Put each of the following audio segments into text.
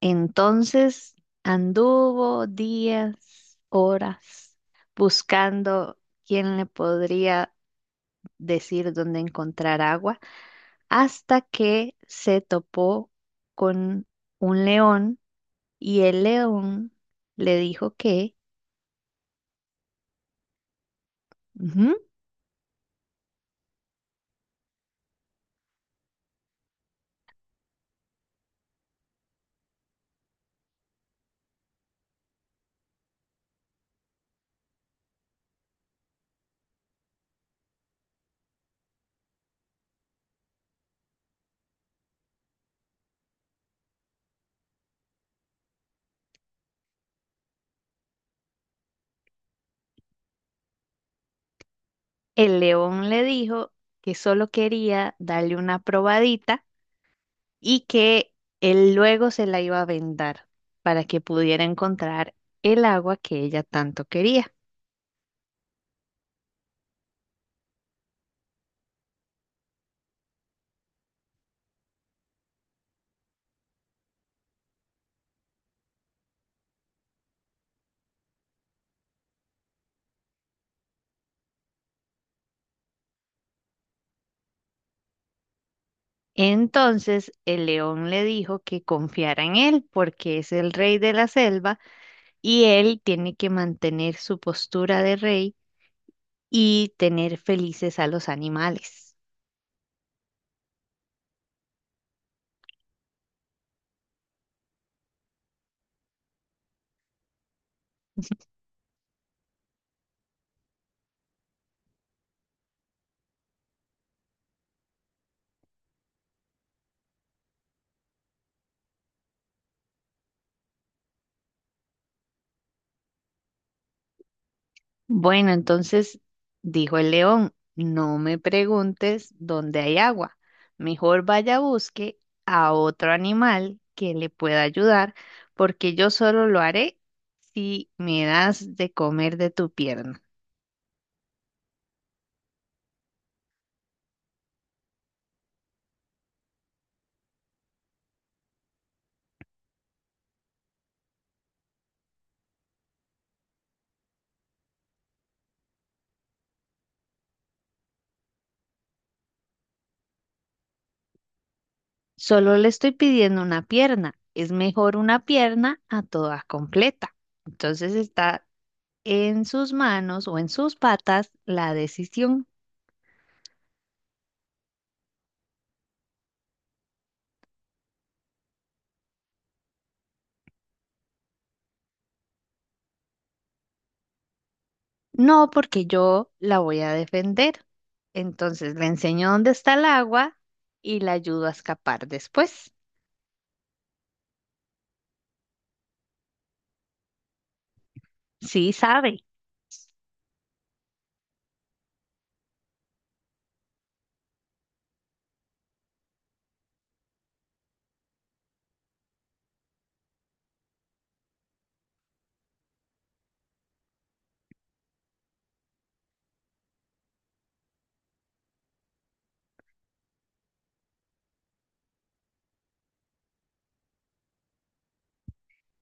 Entonces anduvo días, horas, buscando quién le podría decir dónde encontrar agua, hasta que se topó con un león y el león le dijo que, ujú. El león le dijo que solo quería darle una probadita y que él luego se la iba a vendar para que pudiera encontrar el agua que ella tanto quería. Entonces el león le dijo que confiara en él porque es el rey de la selva y él tiene que mantener su postura de rey y tener felices a los animales. Bueno, entonces dijo el león, no me preguntes dónde hay agua, mejor vaya a busque a otro animal que le pueda ayudar porque yo solo lo haré si me das de comer de tu pierna. Solo le estoy pidiendo una pierna. Es mejor una pierna a toda completa. Entonces está en sus manos o en sus patas la decisión. No, porque yo la voy a defender. Entonces le enseño dónde está el agua y la ayudo a escapar después. Sí, sabe.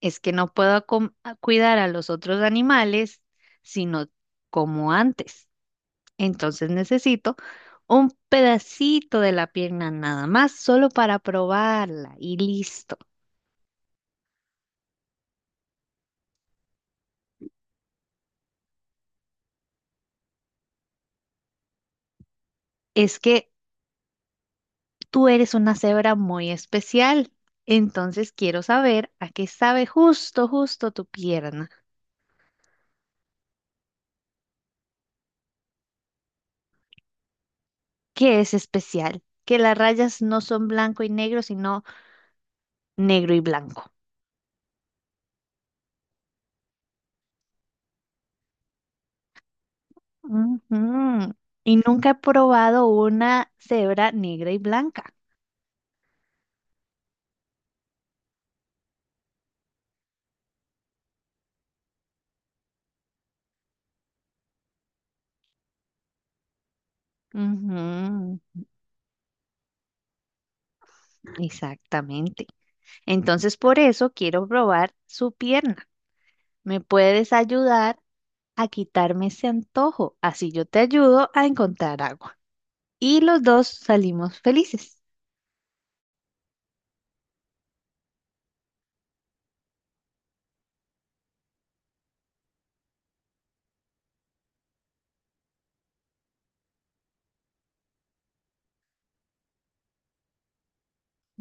Es que no puedo a cuidar a los otros animales, sino como antes. Entonces necesito un pedacito de la pierna nada más, solo para probarla y listo. Es que tú eres una cebra muy especial, entonces quiero saber a qué sabe justo, justo tu pierna, que es especial, que las rayas no son blanco y negro, sino negro y blanco. Ujú. Y nunca he probado una cebra negra y blanca. Ujú. Exactamente. Entonces, por eso quiero probar su pierna. ¿Me puedes ayudar a quitarme ese antojo? Así yo te ayudo a encontrar agua. Y los dos salimos felices.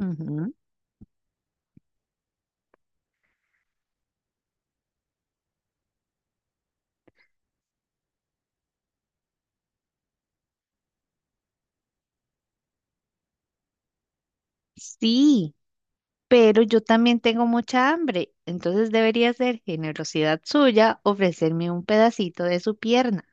Ujú. Sí, pero yo también tengo mucha hambre, entonces debería ser generosidad suya ofrecerme un pedacito de su pierna.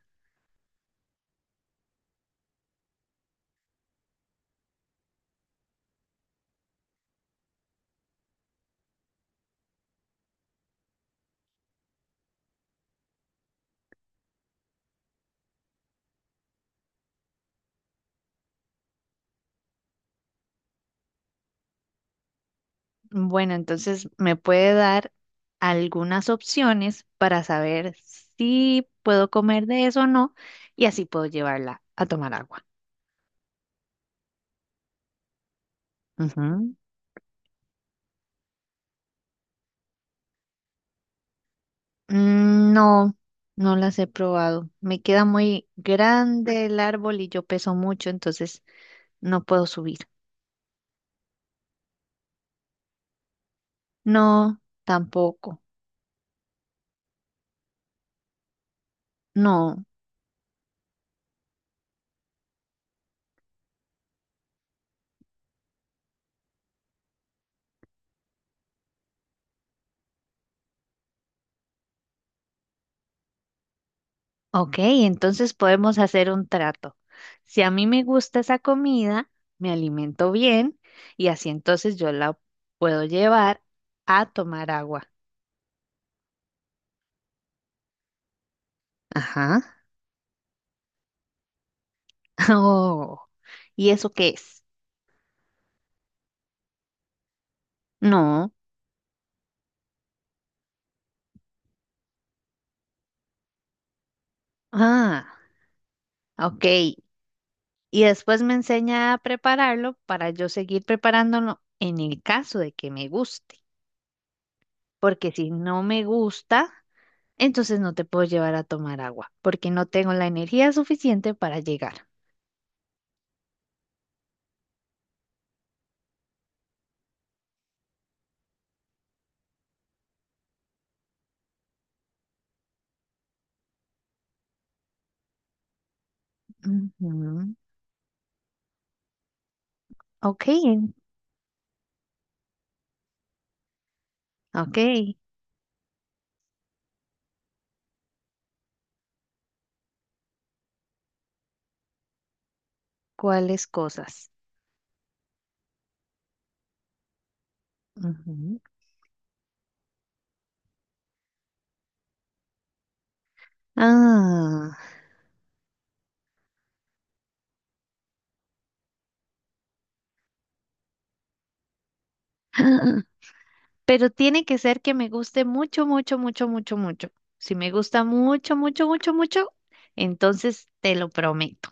Bueno, entonces me puede dar algunas opciones para saber si puedo comer de eso o no, y así puedo llevarla a tomar agua. Ujú. Mm, no, no las he probado. Me queda muy grande el árbol y yo peso mucho, entonces no puedo subir. No, tampoco. No. Ok, entonces podemos hacer un trato. Si a mí me gusta esa comida, me alimento bien y así entonces yo la puedo llevar a tomar agua. Ajá. Oh, ¿y eso qué es? No. Ah, ok. Y después me enseña a prepararlo para yo seguir preparándolo en el caso de que me guste, porque si no me gusta, entonces no te puedo llevar a tomar agua, porque no tengo la energía suficiente para llegar. Ujú. Ok, ok, ¿cuáles cosas? Ujú. Ah, pero tiene que ser que me guste mucho, mucho, mucho, mucho, mucho. Si me gusta mucho, mucho, mucho, mucho, entonces te lo prometo.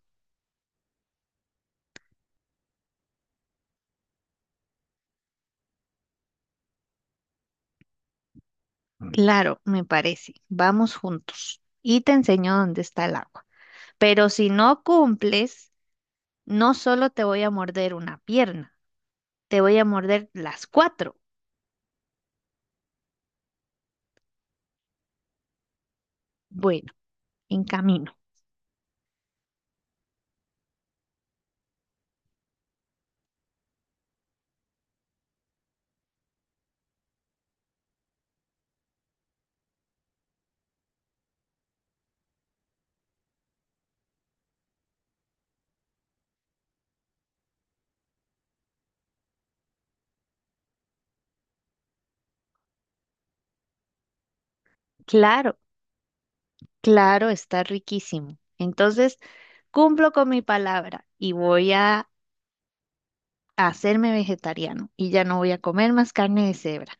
Claro, me parece. Vamos juntos y te enseño dónde está el agua. Pero si no cumples, no solo te voy a morder una pierna, te voy a morder las cuatro. Bueno, en camino. Claro, claro, está riquísimo. Entonces, cumplo con mi palabra y voy a hacerme vegetariano y ya no voy a comer más carne de cebra.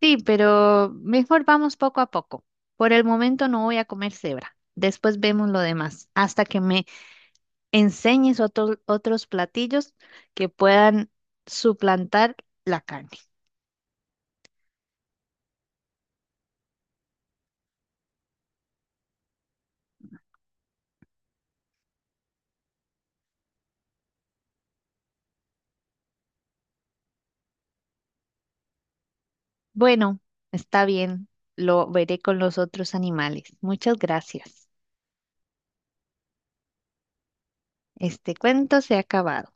Sí, pero mejor vamos poco a poco. Por el momento no voy a comer cebra. Después vemos lo demás, hasta que me enseñes otros platillos que puedan suplantar la carne. Bueno, está bien, lo veré con los otros animales. Muchas gracias. Este cuento se ha acabado.